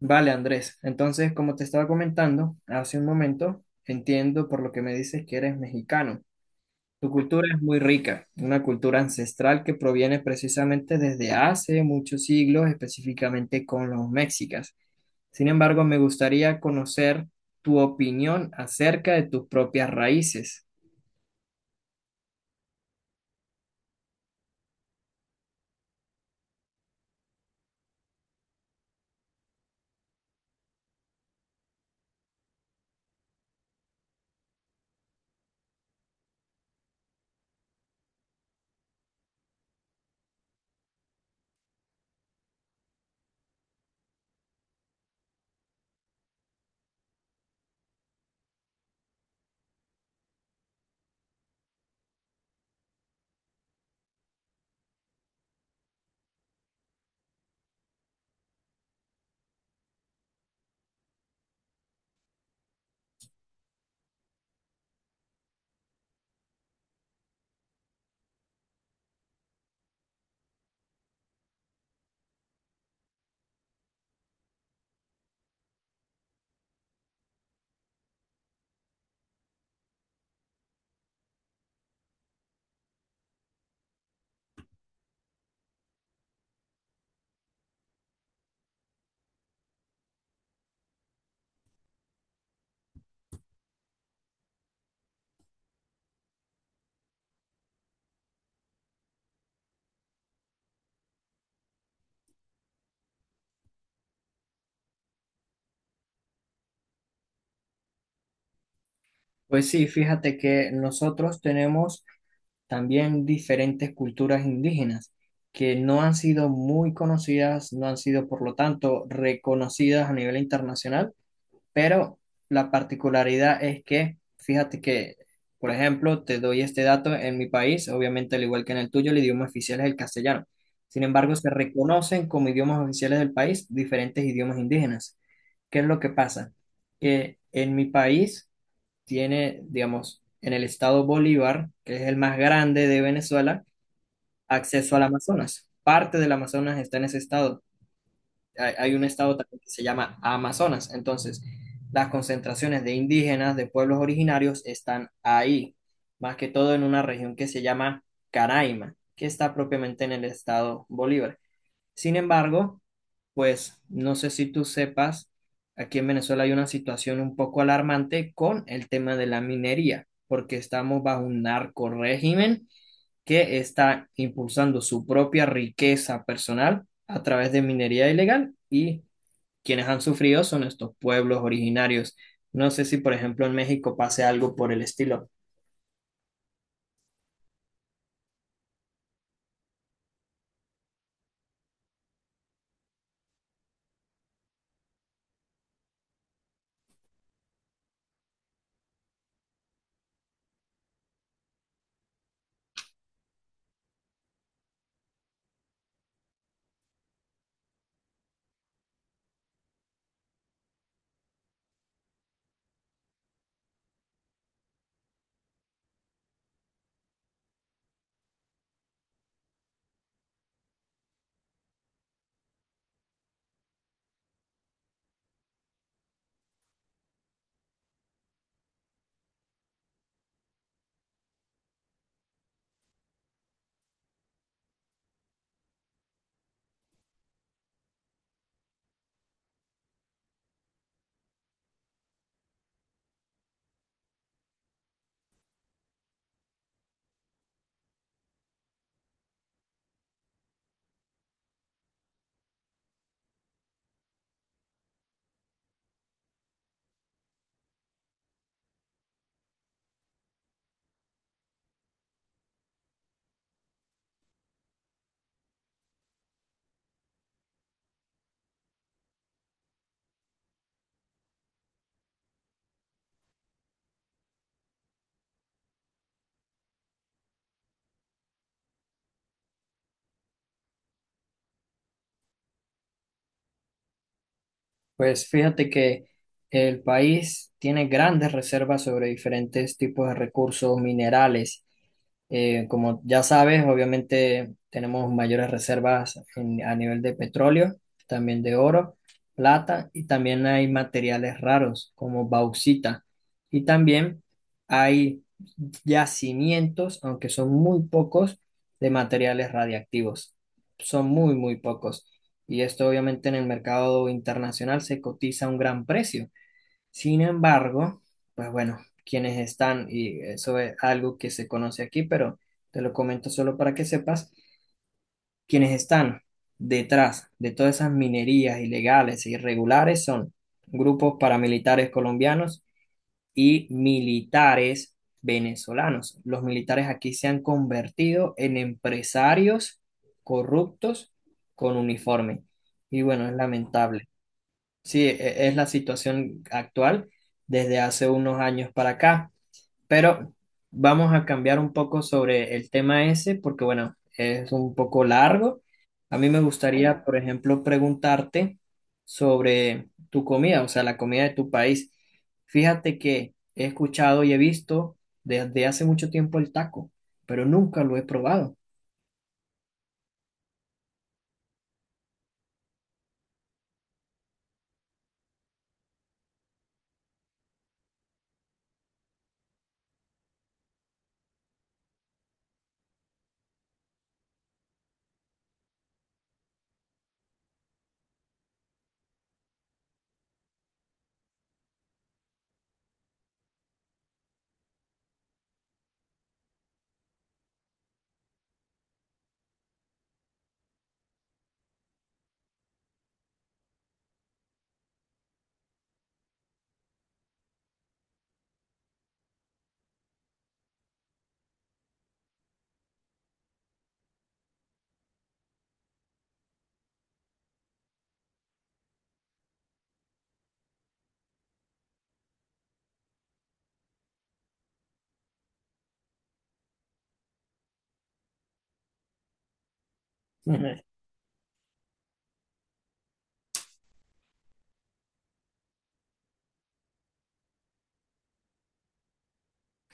Vale, Andrés. Entonces, como te estaba comentando hace un momento, entiendo por lo que me dices que eres mexicano. Tu cultura es muy rica, una cultura ancestral que proviene precisamente desde hace muchos siglos, específicamente con los mexicas. Sin embargo, me gustaría conocer tu opinión acerca de tus propias raíces. Pues sí, fíjate que nosotros tenemos también diferentes culturas indígenas que no han sido muy conocidas, no han sido por lo tanto reconocidas a nivel internacional, pero la particularidad es que, fíjate que, por ejemplo, te doy este dato, en mi país, obviamente al igual que en el tuyo, el idioma oficial es el castellano. Sin embargo, se reconocen como idiomas oficiales del país diferentes idiomas indígenas. ¿Qué es lo que pasa? Que en mi país tiene, digamos, en el estado Bolívar, que es el más grande de Venezuela, acceso al Amazonas. Parte del Amazonas está en ese estado. Hay un estado también que se llama Amazonas. Entonces, las concentraciones de indígenas, de pueblos originarios, están ahí, más que todo en una región que se llama Caraima, que está propiamente en el estado Bolívar. Sin embargo, pues no sé si tú sepas, aquí en Venezuela hay una situación un poco alarmante con el tema de la minería, porque estamos bajo un narco régimen que está impulsando su propia riqueza personal a través de minería ilegal y quienes han sufrido son estos pueblos originarios. No sé si, por ejemplo, en México pase algo por el estilo. Pues fíjate que el país tiene grandes reservas sobre diferentes tipos de recursos minerales. Como ya sabes, obviamente tenemos mayores reservas en- a nivel de petróleo, también de oro, plata y también hay materiales raros como bauxita. Y también hay yacimientos, aunque son muy pocos, de materiales radiactivos. Son muy, muy pocos y esto obviamente en el mercado internacional se cotiza a un gran precio. Sin embargo, pues bueno, quienes están, y eso es algo que se conoce aquí, pero te lo comento solo para que sepas, quienes están detrás de todas esas minerías ilegales e irregulares son grupos paramilitares colombianos y militares venezolanos. Los militares aquí se han convertido en empresarios corruptos con uniforme. Y bueno, es lamentable. Sí, e- es la situación actual desde hace unos años para acá, pero vamos a cambiar un poco sobre el tema ese porque, bueno, es un poco largo. A mí me gustaría, por ejemplo, preguntarte sobre tu comida, o sea, la comida de tu país. Fíjate que he escuchado y he visto desde hace mucho tiempo el taco, pero nunca lo he probado.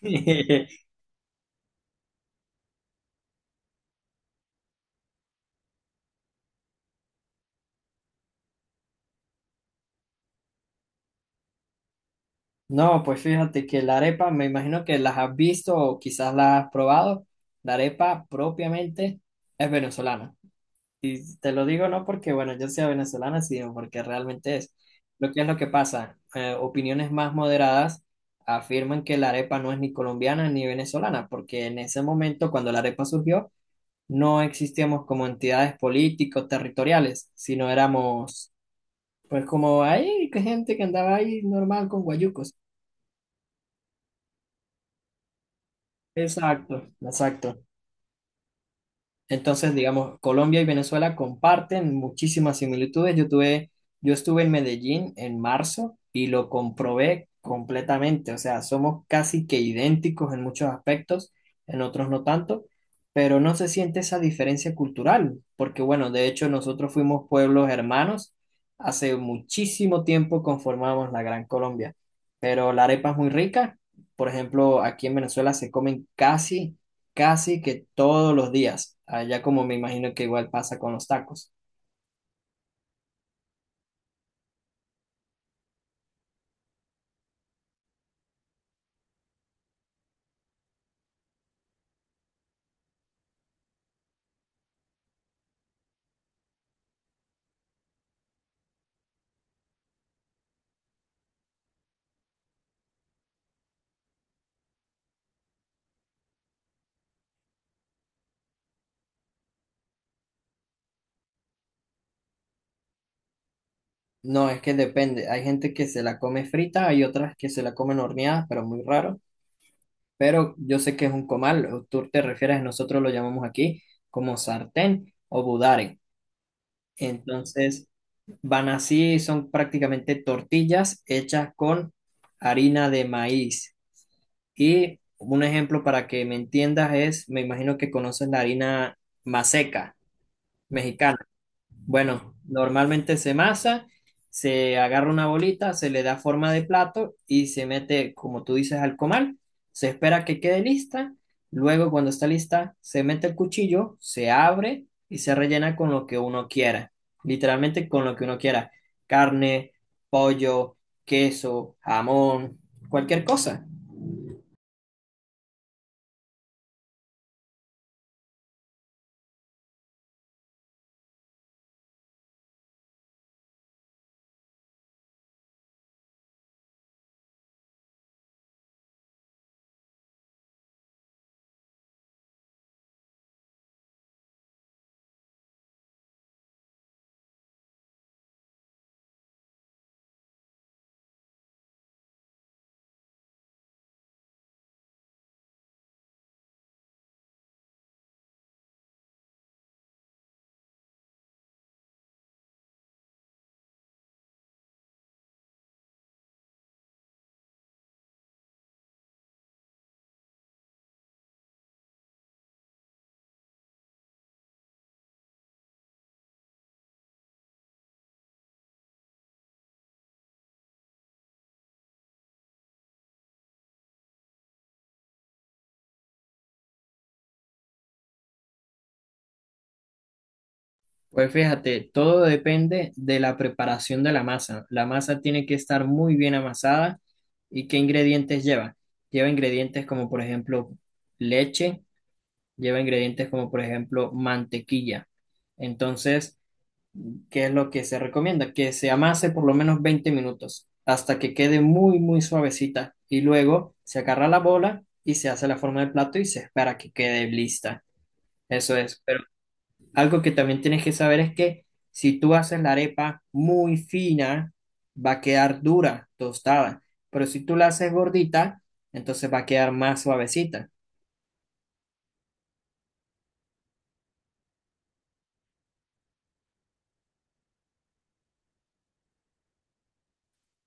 No, pues fíjate que la arepa, me imagino que las has visto o quizás las has probado. La arepa propiamente es venezolana. Y te lo digo no porque, bueno, yo sea venezolana, sino porque realmente es. Lo que es lo que pasa, opiniones más moderadas afirman que la arepa no es ni colombiana ni venezolana, porque en ese momento, cuando la arepa surgió, no existíamos como entidades políticos, territoriales, sino éramos, pues como ahí, que gente que andaba ahí normal con guayucos. Exacto, exacto. Entonces, digamos, Colombia y Venezuela comparten muchísimas similitudes. Yo tuve, yo estuve en Medellín en marzo y lo comprobé completamente. O sea, somos casi que idénticos en muchos aspectos, en otros no tanto, pero no se siente esa diferencia cultural, porque bueno, de hecho nosotros fuimos pueblos hermanos. Hace muchísimo tiempo conformamos la Gran Colombia, pero la arepa es muy rica. Por ejemplo, aquí en Venezuela se comen casi casi que todos los días, allá como me imagino que igual pasa con los tacos. No, es que depende, hay gente que se la come frita, hay otras que se la comen horneada, pero muy raro, pero yo sé que es un comal, o tú te refieres, nosotros lo llamamos aquí como sartén o budare. Entonces, van así, son prácticamente tortillas hechas con harina de maíz. Y un ejemplo para que me entiendas es, me imagino que conoces la harina maseca mexicana. Bueno, normalmente se masa, se agarra una bolita, se le da forma de plato y se mete, como tú dices, al comal. Se espera que quede lista. Luego, cuando está lista, se mete el cuchillo, se abre y se rellena con lo que uno quiera. Literalmente con lo que uno quiera. Carne, pollo, queso, jamón, cualquier cosa. Pues fíjate, todo depende de la preparación de la masa. La masa tiene que estar muy bien amasada y qué ingredientes lleva. Lleva ingredientes como por ejemplo leche, lleva ingredientes como por ejemplo mantequilla. Entonces, ¿qué es lo que se recomienda? Que se amase por lo menos 20 minutos hasta que quede muy, muy suavecita y luego se agarra la bola y se hace la forma del plato y se espera que quede lista. Eso es. Algo que también tienes que saber es que si tú haces la arepa muy fina, va a quedar dura, tostada, pero si tú la haces gordita, entonces va a quedar más suavecita.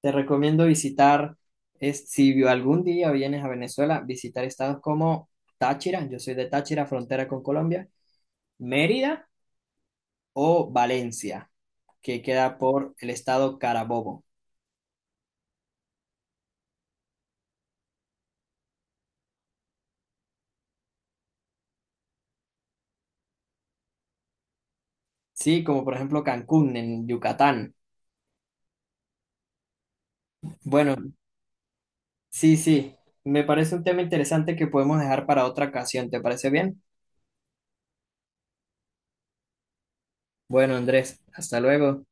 Te recomiendo visitar, es, si algún día vienes a Venezuela, visitar estados como Táchira, yo soy de Táchira, frontera con Colombia, Mérida o Valencia, que queda por el estado Carabobo. Sí, como por ejemplo Cancún en Yucatán. Bueno, sí, sí, me parece un tema interesante que podemos dejar para otra ocasión, ¿te parece bien? Bueno, Andrés, hasta luego.